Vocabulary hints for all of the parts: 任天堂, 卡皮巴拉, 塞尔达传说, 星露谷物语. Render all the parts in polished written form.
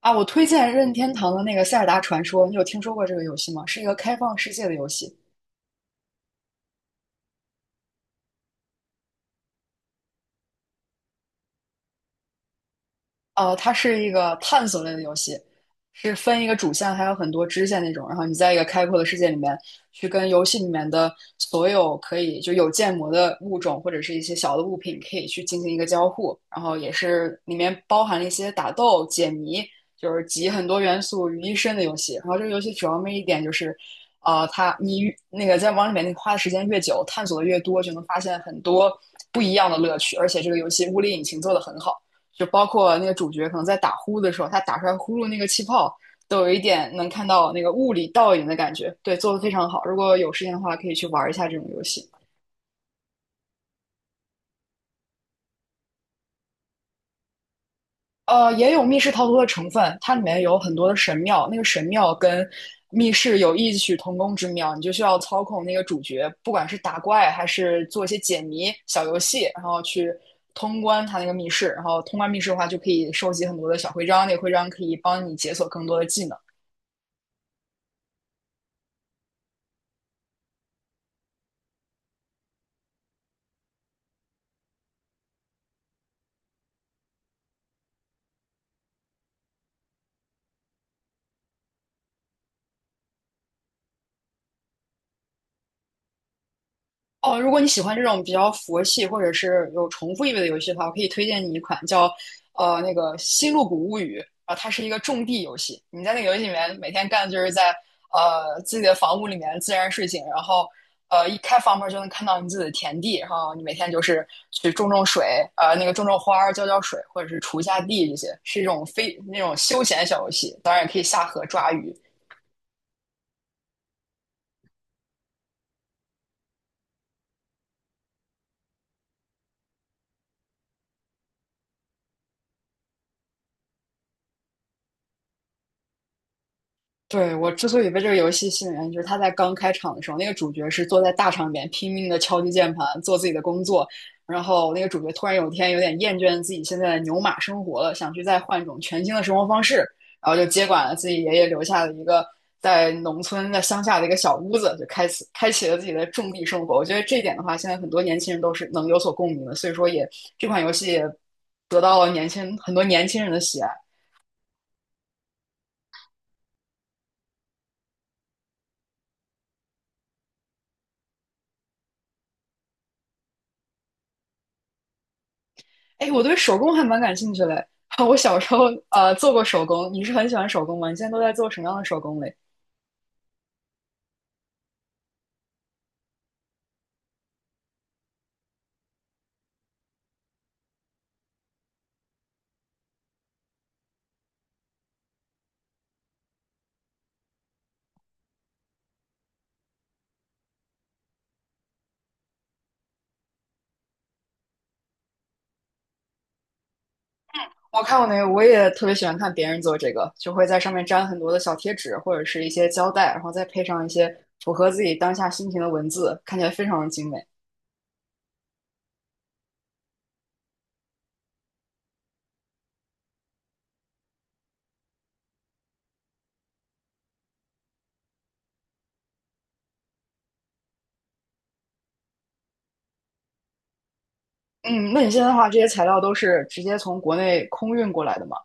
啊，我推荐任天堂的那个《塞尔达传说》，你有听说过这个游戏吗？是一个开放世界的游戏。它是一个探索类的游戏，是分一个主线，还有很多支线那种。然后你在一个开阔的世界里面，去跟游戏里面的所有可以就有建模的物种或者是一些小的物品，可以去进行一个交互。然后也是里面包含了一些打斗、解谜，就是集很多元素于一身的游戏。然后这个游戏主要魅一点就是，它你越那个在往里面你花的时间越久，探索的越多，就能发现很多不一样的乐趣。而且这个游戏物理引擎做的很好。就包括那个主角可能在打呼的时候，他打出来呼噜那个气泡，都有一点能看到那个物理倒影的感觉。对，做的非常好。如果有时间的话，可以去玩一下这种游戏。呃，也有密室逃脱的成分，它里面有很多的神庙，那个神庙跟密室有异曲同工之妙，你就需要操控那个主角，不管是打怪还是做一些解谜小游戏，然后去通关它那个密室。然后通关密室的话，就可以收集很多的小徽章，那个徽章可以帮你解锁更多的技能。哦，如果你喜欢这种比较佛系或者是有重复意味的游戏的话，我可以推荐你一款叫那个《星露谷物语》啊，它是一个种地游戏。你在那个游戏里面每天干的就是在自己的房屋里面自然睡醒，然后一开房门就能看到你自己的田地，然后你每天就是去种种水，那个种种花儿、浇浇水，或者是锄一下地这些，是一种非那种休闲小游戏。当然也可以下河抓鱼。对，我之所以被这个游戏吸引，就是它在刚开场的时候，那个主角是坐在大场面拼命的敲击键盘，做自己的工作。然后那个主角突然有一天有点厌倦自己现在的牛马生活了，想去再换一种全新的生活方式，然后就接管了自己爷爷留下的一个在农村在乡下的一个小屋子，就开始开启了自己的种地生活。我觉得这一点的话，现在很多年轻人都是能有所共鸣的，所以说也这款游戏也得到了年轻很多年轻人的喜爱。哎，我对手工还蛮感兴趣的。我小时候做过手工，你是很喜欢手工吗？你现在都在做什么样的手工嘞？我看过那个，我也特别喜欢看别人做这个，就会在上面粘很多的小贴纸或者是一些胶带，然后再配上一些符合自己当下心情的文字，看起来非常的精美。嗯，那你现在的话，这些材料都是直接从国内空运过来的吗？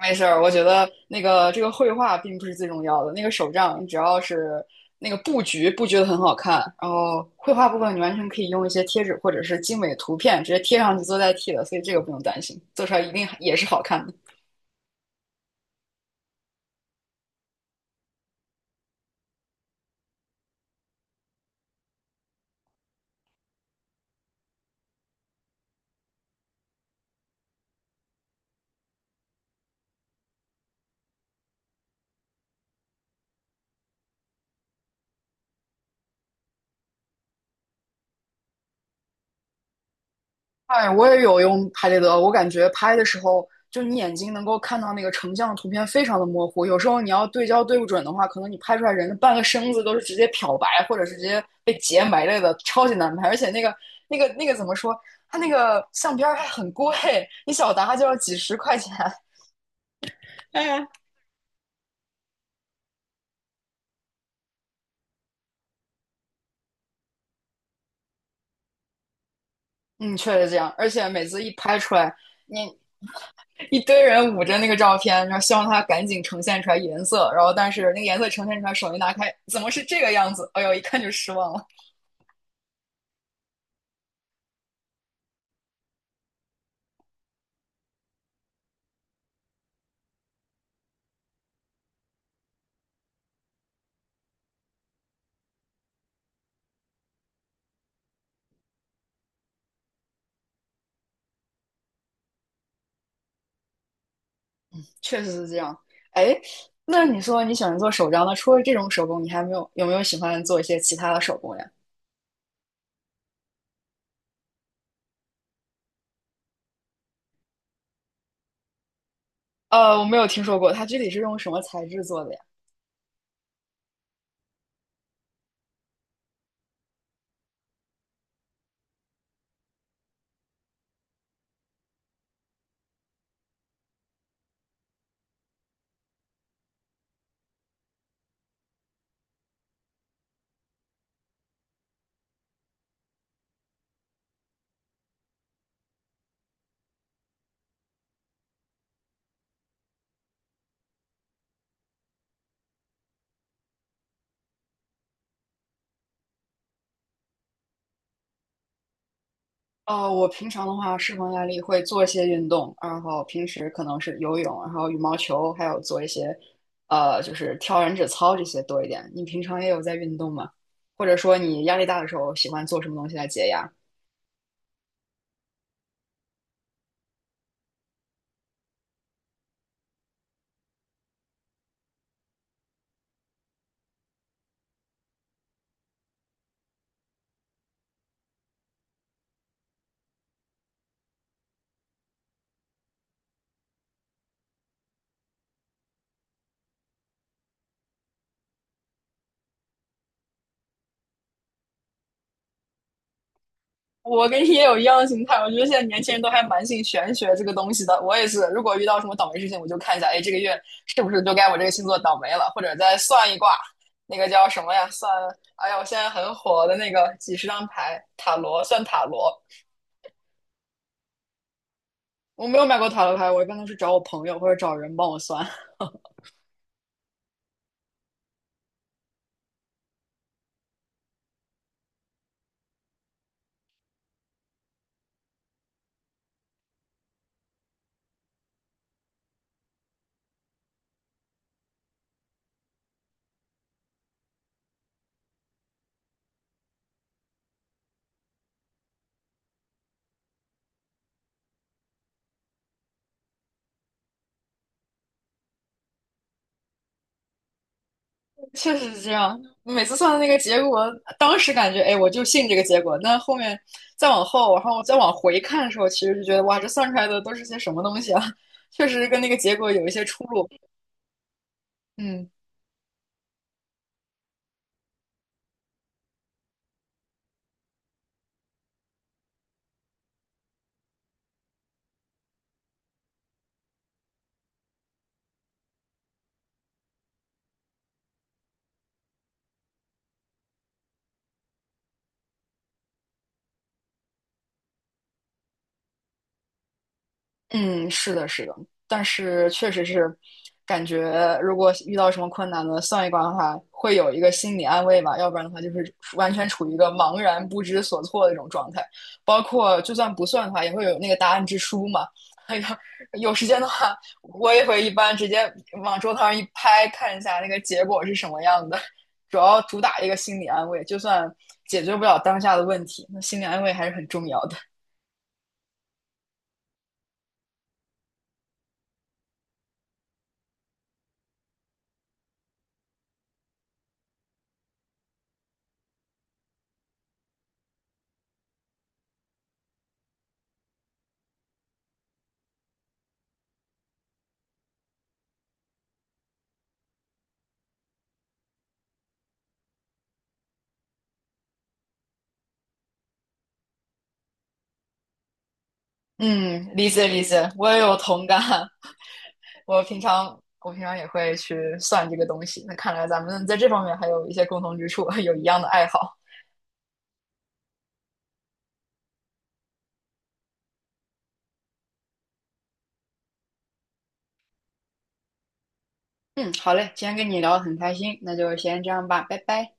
没事儿，我觉得那个这个绘画并不是最重要的，那个手账你只要是那个布局的很好看，然后绘画部分你完全可以用一些贴纸或者是精美图片直接贴上去做代替的，所以这个不用担心，做出来一定也是好看的。哎，我也有用拍立得，我感觉拍的时候，就你眼睛能够看到那个成像的图片非常的模糊，有时候你要对焦对不准的话，可能你拍出来人的半个身子都是直接漂白，或者是直接被截没了的，超级难拍。而且那个怎么说？它那个相片儿还很贵，你小沓就要几十块钱。哎呀嗯，确实这样，而且每次一拍出来，你一堆人捂着那个照片，然后希望它赶紧呈现出来颜色，然后但是那个颜色呈现出来，手一拿开，怎么是这个样子？哎呦，一看就失望了。确实是这样。哎，那你说你喜欢做手账，那除了这种手工，你还没有有没有喜欢做一些其他的手工呀？呃，我没有听说过，它具体是用什么材质做的呀？哦，我平常的话，释放压力会做一些运动，然后平时可能是游泳，然后羽毛球，还有做一些，就是跳燃脂操这些多一点。你平常也有在运动吗？或者说你压力大的时候喜欢做什么东西来解压？我跟你也有一样的心态，我觉得现在年轻人都还蛮信玄学这个东西的。我也是，如果遇到什么倒霉事情，我就看一下，哎，这个月是不是就该我这个星座倒霉了，或者再算一卦，那个叫什么呀？算，哎呀，我现在很火的那个几十张牌，塔罗，算塔罗。我没有买过塔罗牌，我一般都是找我朋友或者找人帮我算，确实是这样。每次算的那个结果，当时感觉哎，我就信这个结果。那后面再往后，然后再往回看的时候，其实就觉得哇，这算出来的都是些什么东西啊？确实跟那个结果有一些出入。嗯。嗯，是的，是的，但是确实是感觉，如果遇到什么困难呢，算一卦的话，会有一个心理安慰吧，要不然的话就是完全处于一个茫然不知所措的这种状态。包括就算不算的话，也会有那个答案之书嘛。哎呀，有时间的话，我也会一般直接往桌子上一拍，看一下那个结果是什么样的。主要主打一个心理安慰，就算解决不了当下的问题，那心理安慰还是很重要的。嗯，理解理解，我也有同感。我平常也会去算这个东西。那看来咱们在这方面还有一些共同之处，有一样的爱好。嗯，好嘞，今天跟你聊得很开心，那就先这样吧，拜拜。